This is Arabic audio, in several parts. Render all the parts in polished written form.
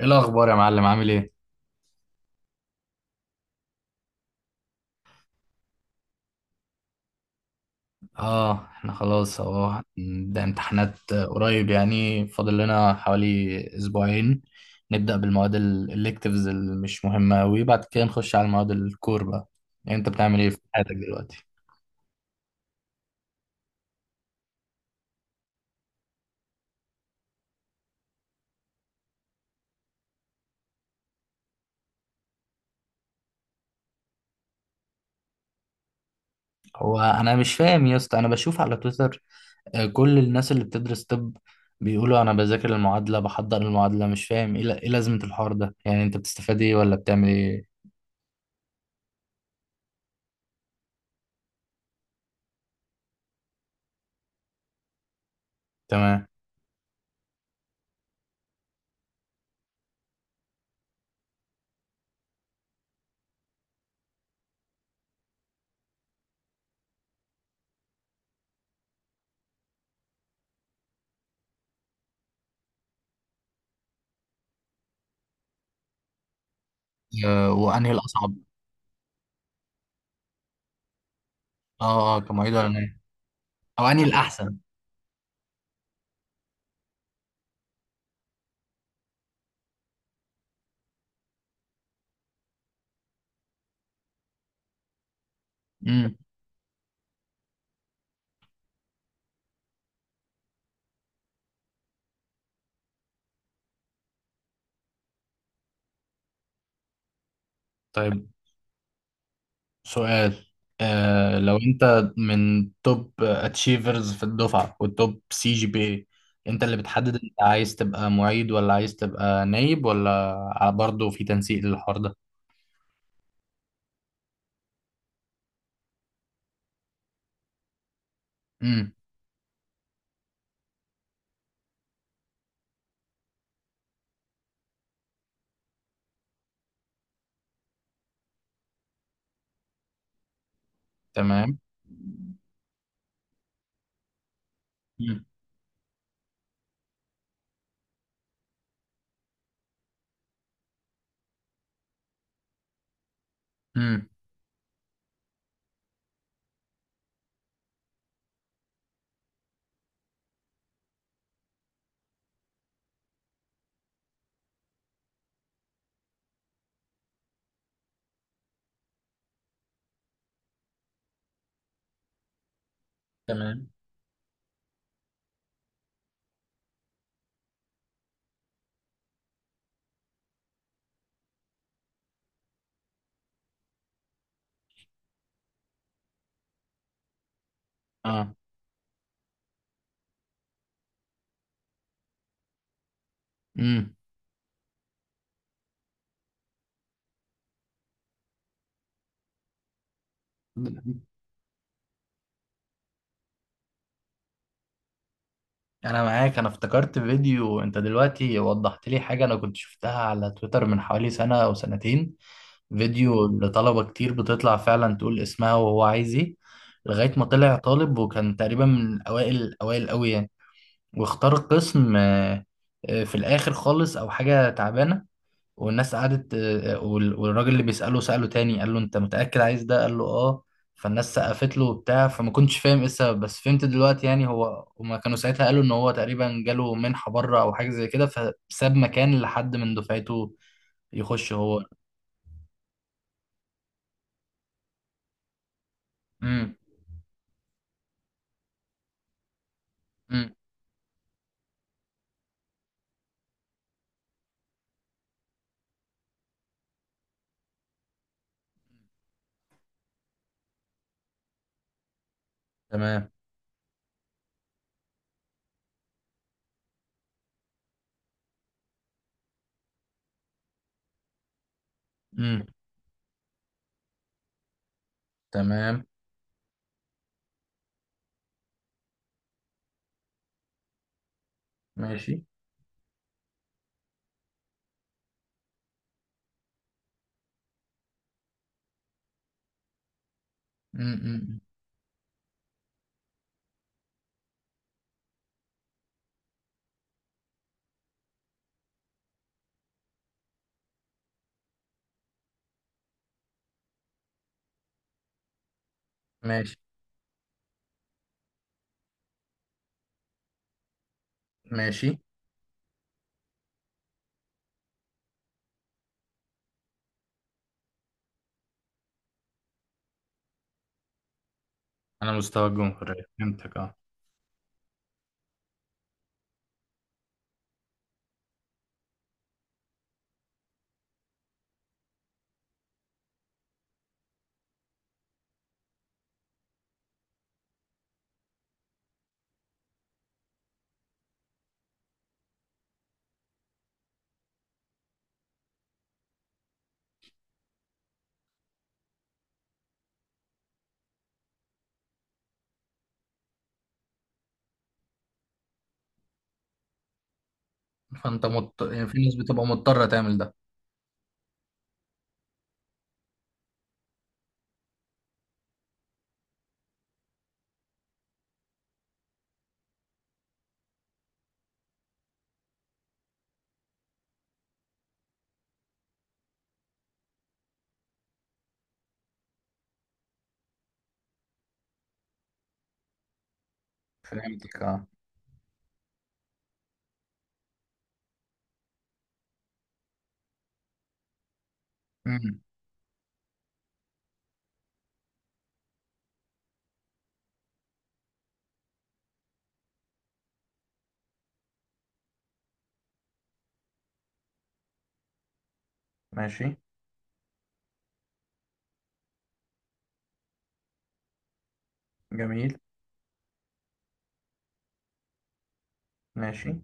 ايه الاخبار يا معلم، عامل ايه؟ اه، احنا خلاص اهو نبدا امتحانات قريب، يعني فاضل لنا حوالي اسبوعين. نبدا بالمواد الالكتيفز اللي مش مهمه قوي، بعد كده نخش على المواد الكور بقى. يعني انت بتعمل ايه في حياتك دلوقتي؟ هو انا مش فاهم يا اسطى، انا بشوف على تويتر، كل الناس اللي بتدرس طب بيقولوا انا بذاكر المعادله بحضر المعادله، مش فاهم إيه لازمه الحوار ده. يعني انت بتستفاد ايه ولا بتعمل ايه؟ تمام. آه، وانهي الاصعب؟ اه، اه، كمعيد ولا، او انهي الاحسن؟ امم. طيب. سؤال. آه، لو انت من توب اتشيفرز في الدفعة والتوب سي جي بي اي، انت اللي بتحدد انت عايز تبقى معيد ولا عايز تبقى نايب، ولا برضه في تنسيق للحوار ده؟ امم. تمام. امم. امم. تمام. اه. امم. انا معاك. انا افتكرت فيديو انت دلوقتي وضحت لي حاجة، انا كنت شفتها على تويتر من حوالي سنة او سنتين. فيديو لطلبة كتير بتطلع فعلا تقول اسمها وهو عايز ايه. لغاية ما طلع طالب وكان تقريبا من أوائل الأوائل أوي يعني، واختار قسم في الآخر خالص أو حاجة تعبانة. والناس قعدت والراجل اللي بيسأله سأله تاني، قال له: أنت متأكد عايز ده؟ قال له: آه. فالناس سقفت له وبتاع، فما كنتش فاهم ايه السبب، بس فهمت دلوقتي. يعني هو هما كانوا ساعتها قالوا ان هو تقريبا جاله منحة بره او حاجة زي كده، فساب مكان لحد من دفعته يخش هو. امم. امم. تمام. امم. تمام. ماشي. امم. ماشي. ماشي. على مستوى الجمهورية، فهمتك، اه. يعني في ناس بتبقى مضطرة تعمل ده؟ فهمتك، اه. امم. ماشي. جميل. ماشي.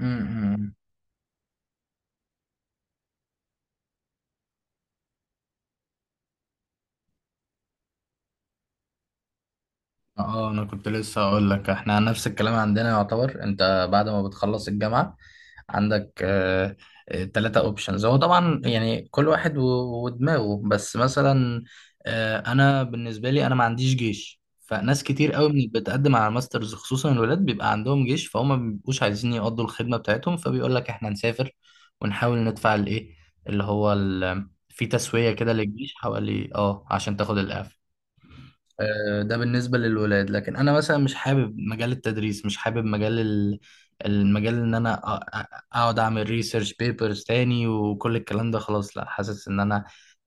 امم. اه، انا كنت لسه هقول لك، احنا نفس الكلام عندنا يعتبر. انت بعد ما بتخلص الجامعة عندك تلاتة اوبشنز. هو طبعا يعني كل واحد ودماغه، بس مثلا انا بالنسبه لي، انا ما عنديش جيش. فناس كتير قوي من اللي بتقدم على الماسترز، خصوصا الولاد، بيبقى عندهم جيش، فهم ما بيبقوش عايزين يقضوا الخدمه بتاعتهم، فبيقول لك احنا نسافر ونحاول ندفع الايه، اللي هو في تسويه كده للجيش حوالي عشان تاخد الاعفاء. ده بالنسبة للولاد. لكن أنا مثلا مش حابب مجال التدريس، مش حابب المجال، إن أنا أقعد أعمل ريسيرش بيبرز تاني وكل الكلام ده خلاص. لا، حاسس إن أنا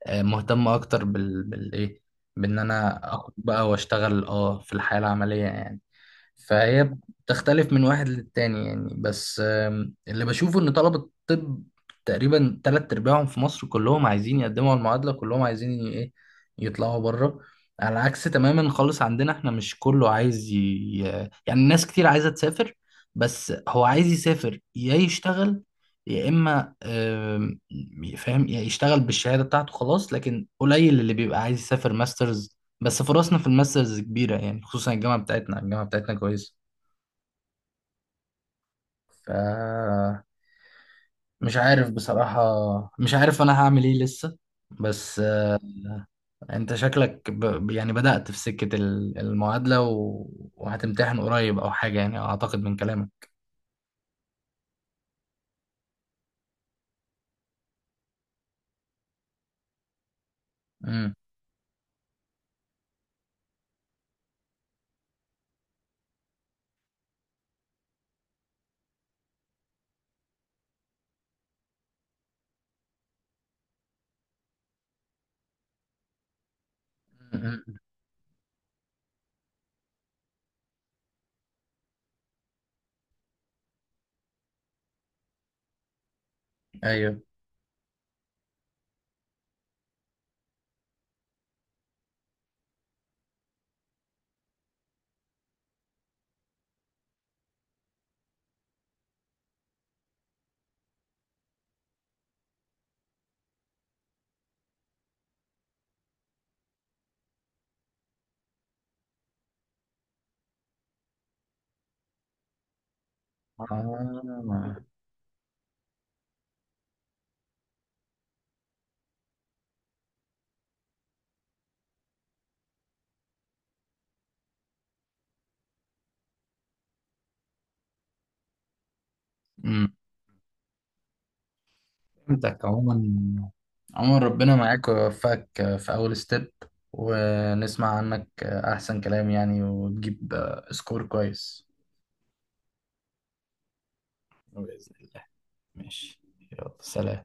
مهتم أكتر بالإيه، بإن أنا أخد بقى وأشتغل في الحياة العملية يعني. فهي بتختلف من واحد للتاني يعني، بس اللي بشوفه ان طلبة الطب تقريبا تلات ارباعهم في مصر كلهم عايزين يقدموا على المعادلة، كلهم عايزين ايه، يطلعوا بره. على عكس تماما خالص عندنا احنا، مش كله عايز يعني ناس كتير عايزة تسافر، بس هو عايز يسافر يا يشتغل، يا اما فاهم، يا يشتغل بالشهادة بتاعته خلاص. لكن قليل اللي بيبقى عايز يسافر ماسترز، بس فرصنا في الماسترز كبيرة يعني، خصوصا الجامعة بتاعتنا، الجامعة بتاعتنا كويسة. ف مش عارف بصراحة. مش عارف أنا هعمل إيه لسه. بس أنت شكلك يعني بدأت في سكة المعادلة وهتمتحن قريب أو حاجة يعني، أعتقد من كلامك. امم. أمم. أيوه. آه. امم. فهمتك عموما. عموما ربنا معاك ويوفقك في أول ستيب، ونسمع عنك أحسن كلام يعني، وتجيب سكور كويس. بإذن الله. ماشي. يلا، سلام.